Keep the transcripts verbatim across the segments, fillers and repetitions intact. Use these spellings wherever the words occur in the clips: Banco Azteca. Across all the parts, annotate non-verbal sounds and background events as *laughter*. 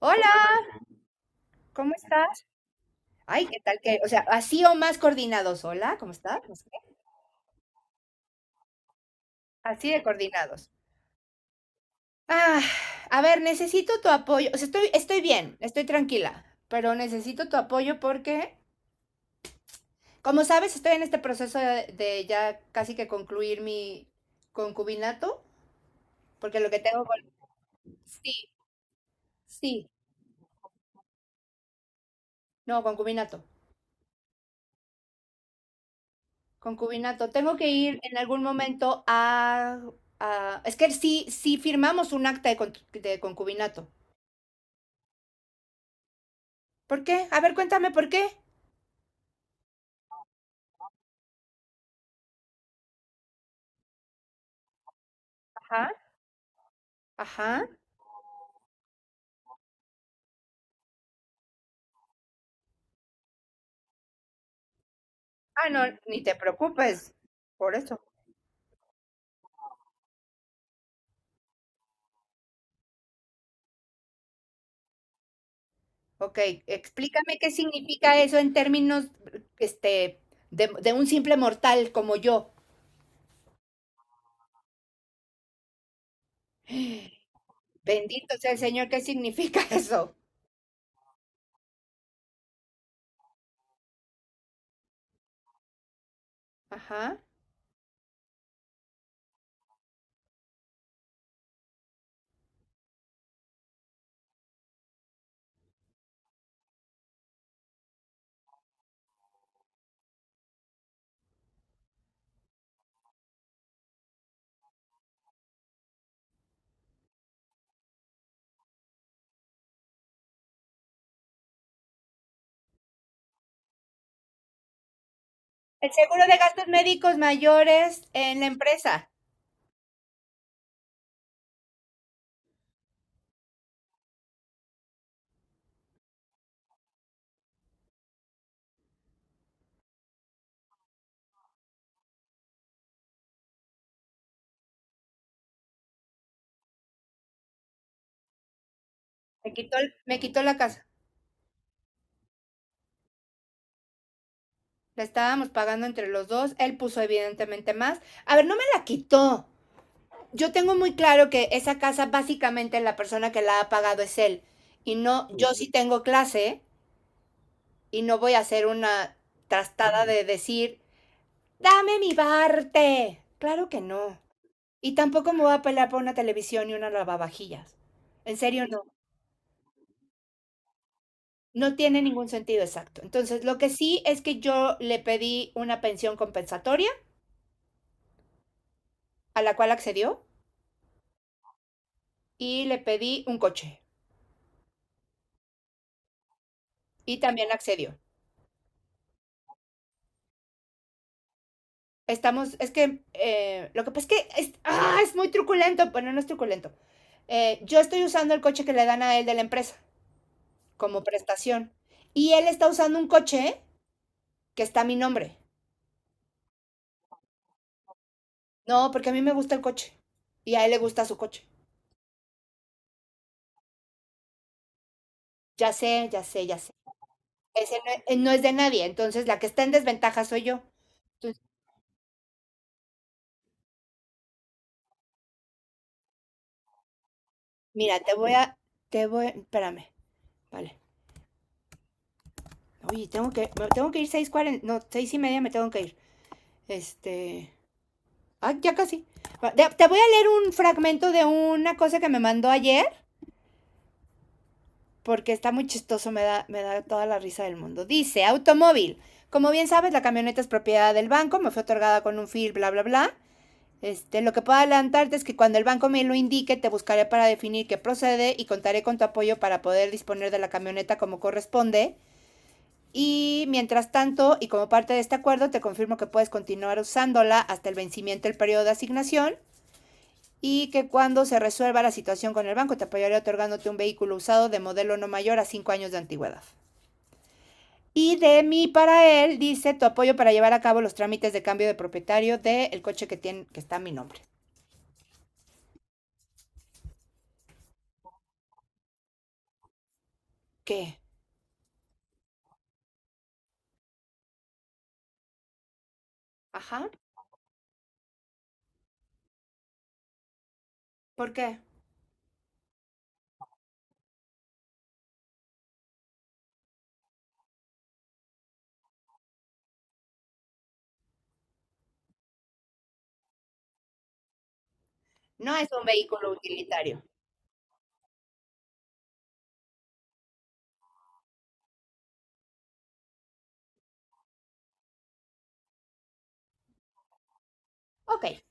Hola, ¿cómo estás? Ay, ¿qué tal que? O sea, así o más coordinados. Hola, ¿cómo estás? No sé qué. Así de coordinados. Ah, a ver, necesito tu apoyo. O sea, estoy, estoy bien, estoy tranquila, pero necesito tu apoyo porque, como sabes, estoy en este proceso de, de ya casi que concluir mi concubinato, porque lo que tengo con. Sí, sí, no, concubinato, concubinato. Tengo que ir en algún momento a. A- es que sí, sí firmamos un acta de, con- de concubinato. ¿Por qué? A ver, cuéntame por qué. Ajá. Ajá. Ah, no, ni te preocupes por eso. Ok, explícame qué significa eso en términos, este, de, de un simple mortal como yo. Bendito sea el Señor, ¿qué significa *laughs* eso? Ajá. El seguro de gastos médicos mayores en la empresa. Me quitó, el- me quitó la casa. La estábamos pagando entre los dos. Él puso evidentemente más. A ver, no me la quitó. Yo tengo muy claro que esa casa básicamente la persona que la ha pagado es él. Y no, yo sí tengo clase y no voy a hacer una trastada de decir, dame mi parte. Claro que no. Y tampoco me voy a pelear por una televisión y una lavavajillas. En serio, no. No tiene ningún sentido exacto. Entonces, lo que sí es que yo le pedí una pensión compensatoria, a la cual accedió, y le pedí un coche, y también accedió. Estamos, es que eh, lo que pasa es que es, ¡ah! Es muy truculento, bueno, no es truculento. Eh, yo estoy usando el coche que le dan a él de la empresa como prestación y él está usando un coche que está a mi nombre. No, porque a mí me gusta el coche y a él le gusta su coche. Ya sé, ya sé, ya sé. Ese no, eh, no es de nadie, entonces la que está en desventaja soy yo. Entonces, mira, te voy a, te voy, espérame, vale. Oye, tengo que, tengo que ir seis cuarenta, no, seis y media me tengo que ir. Este, Ah, ya casi. Ah, te voy a leer un fragmento de una cosa que me mandó ayer, porque está muy chistoso, me da, me da toda la risa del mundo. Dice, automóvil. Como bien sabes, la camioneta es propiedad del banco, me fue otorgada con un fil, bla, bla, bla. Este, lo que puedo adelantarte es que cuando el banco me lo indique, te buscaré para definir qué procede y contaré con tu apoyo para poder disponer de la camioneta como corresponde. Y mientras tanto, y como parte de este acuerdo, te confirmo que puedes continuar usándola hasta el vencimiento del periodo de asignación y que cuando se resuelva la situación con el banco te apoyaré otorgándote un vehículo usado de modelo no mayor a cinco años de antigüedad. Y de mí para él dice tu apoyo para llevar a cabo los trámites de cambio de propietario del coche que, tiene, que está a mi nombre. ¿Qué? Ajá. ¿Por qué? No es un vehículo utilitario. Ok. Aunque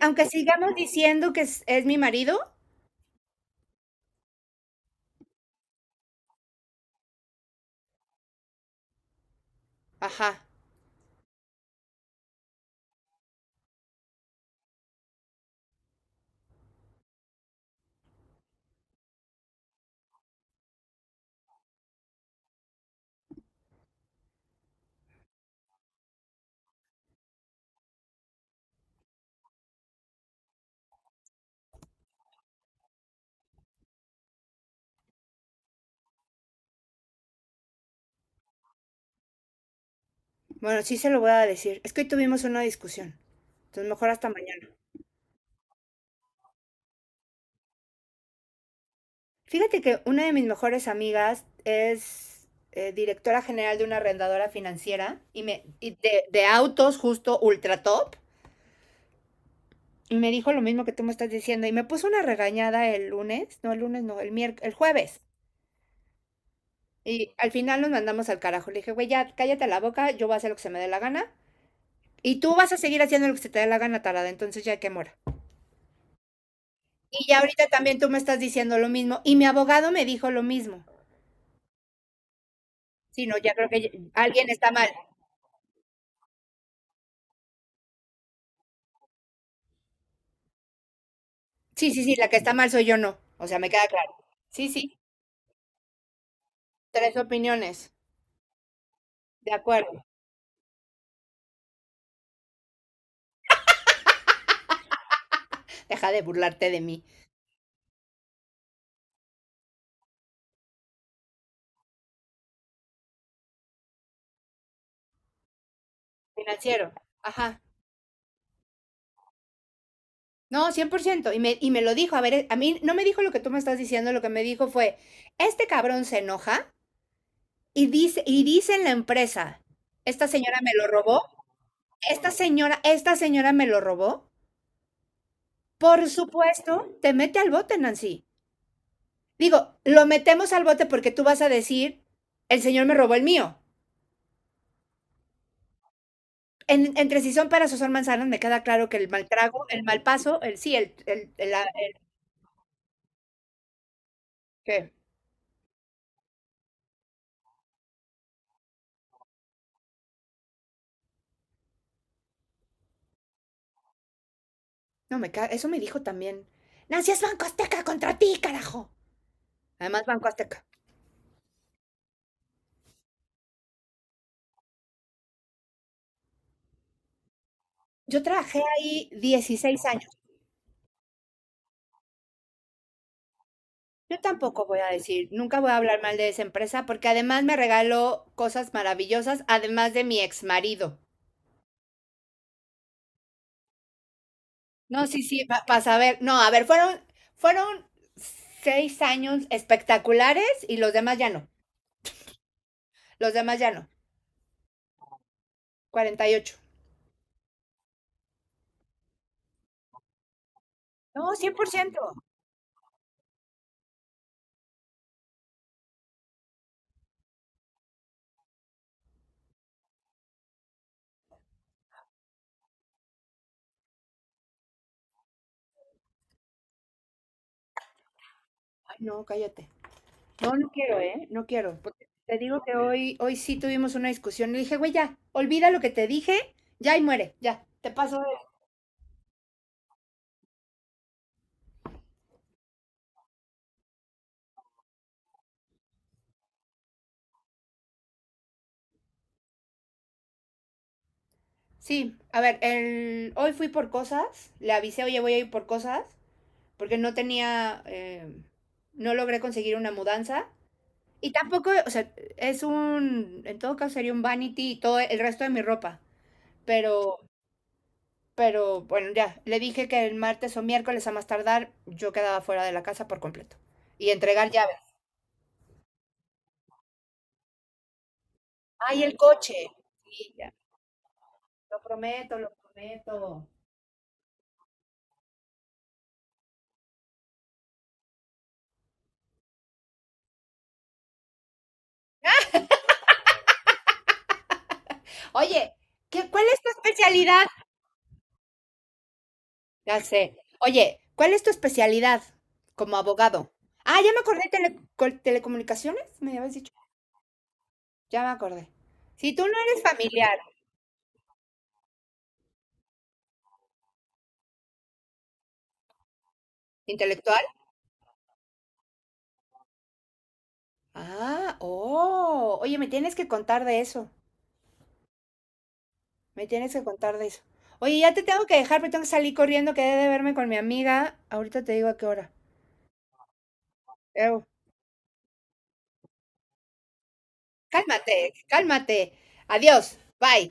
Aunque sigamos diciendo que es, es mi marido. Ajá. Bueno, sí se lo voy a decir. Es que hoy tuvimos una discusión. Entonces mejor hasta mañana. Fíjate que una de mis mejores amigas es eh, directora general de una arrendadora financiera y me y de, de autos justo ultra top. Y me dijo lo mismo que tú me estás diciendo. Y me puso una regañada el lunes. No, el lunes no, el miérc- el jueves. Y al final nos mandamos al carajo. Le dije, güey, ya cállate la boca, yo voy a hacer lo que se me dé la gana. Y tú vas a seguir haciendo lo que se te dé la gana, tarada. Entonces ya que mora. Y ya ahorita también tú me estás diciendo lo mismo. Y mi abogado me dijo lo mismo. Sí, no, ya creo que ya- alguien está mal. Sí, sí, sí, la que está mal soy yo, no. O sea, me queda claro. Sí, sí, tres opiniones. De acuerdo. Deja de burlarte de mí. Financiero. Ajá. No, cien por ciento. Y me, y me lo dijo. A ver, eh, a mí no me dijo lo que tú me estás diciendo. Lo que me dijo fue, este cabrón se enoja y dice, y dice en la empresa, esta señora me lo robó. Esta señora, esta señora me lo robó. Por supuesto, te mete al bote, Nancy. Digo, lo metemos al bote porque tú vas a decir, el señor me robó el mío. En- entre si son peras o son manzanas, me queda claro que el mal trago, el mal paso, el sí, el, el, el- la- el que- No, me ca- eso me dijo también. Nancy es Banco Azteca contra ti, carajo. Además, Banco Azteca. Yo trabajé ahí dieciséis años. Yo tampoco voy a decir, nunca voy a hablar mal de esa empresa porque además me regaló cosas maravillosas, además de mi ex marido. No, sí, sí, para saber. No, a ver, fueron, fueron seis años espectaculares y los demás ya no. Los demás ya no. Cuarenta y ocho. No, cien por ciento. Ay, no, cállate. No, no quiero, ¿eh? No quiero. Porque te digo que hoy, hoy sí tuvimos una discusión. Le dije, güey, ya, olvida lo que te dije, ya y muere, ya. Te paso. Sí, a ver, el... hoy fui por cosas. Le avisé, oye, voy a ir por cosas. Porque no tenía, eh, no logré conseguir una mudanza. Y tampoco, o sea, es un. En todo caso sería un vanity y todo el resto de mi ropa. Pero Pero bueno, ya, le dije que el martes o miércoles a más tardar yo quedaba fuera de la casa por completo. Y entregar llaves. ¡Ay, el coche! Sí, ya, lo prometo, lo prometo. Oye, ¿qué, ¿cuál es tu especialidad? Ya sé. Oye, ¿cuál es tu especialidad como abogado? Ah, ya me acordé, tele- col- telecomunicaciones, me habías dicho. Ya me acordé. Si tú no eres familiar, intelectual. Ah, oh, oye, me tienes que contar de eso. Me tienes que contar de eso. Oye, ya te tengo que dejar, pero tengo que salir corriendo, quedé de verme con mi amiga. Ahorita te digo a qué hora. Eu, cálmate, cálmate. Adiós, bye.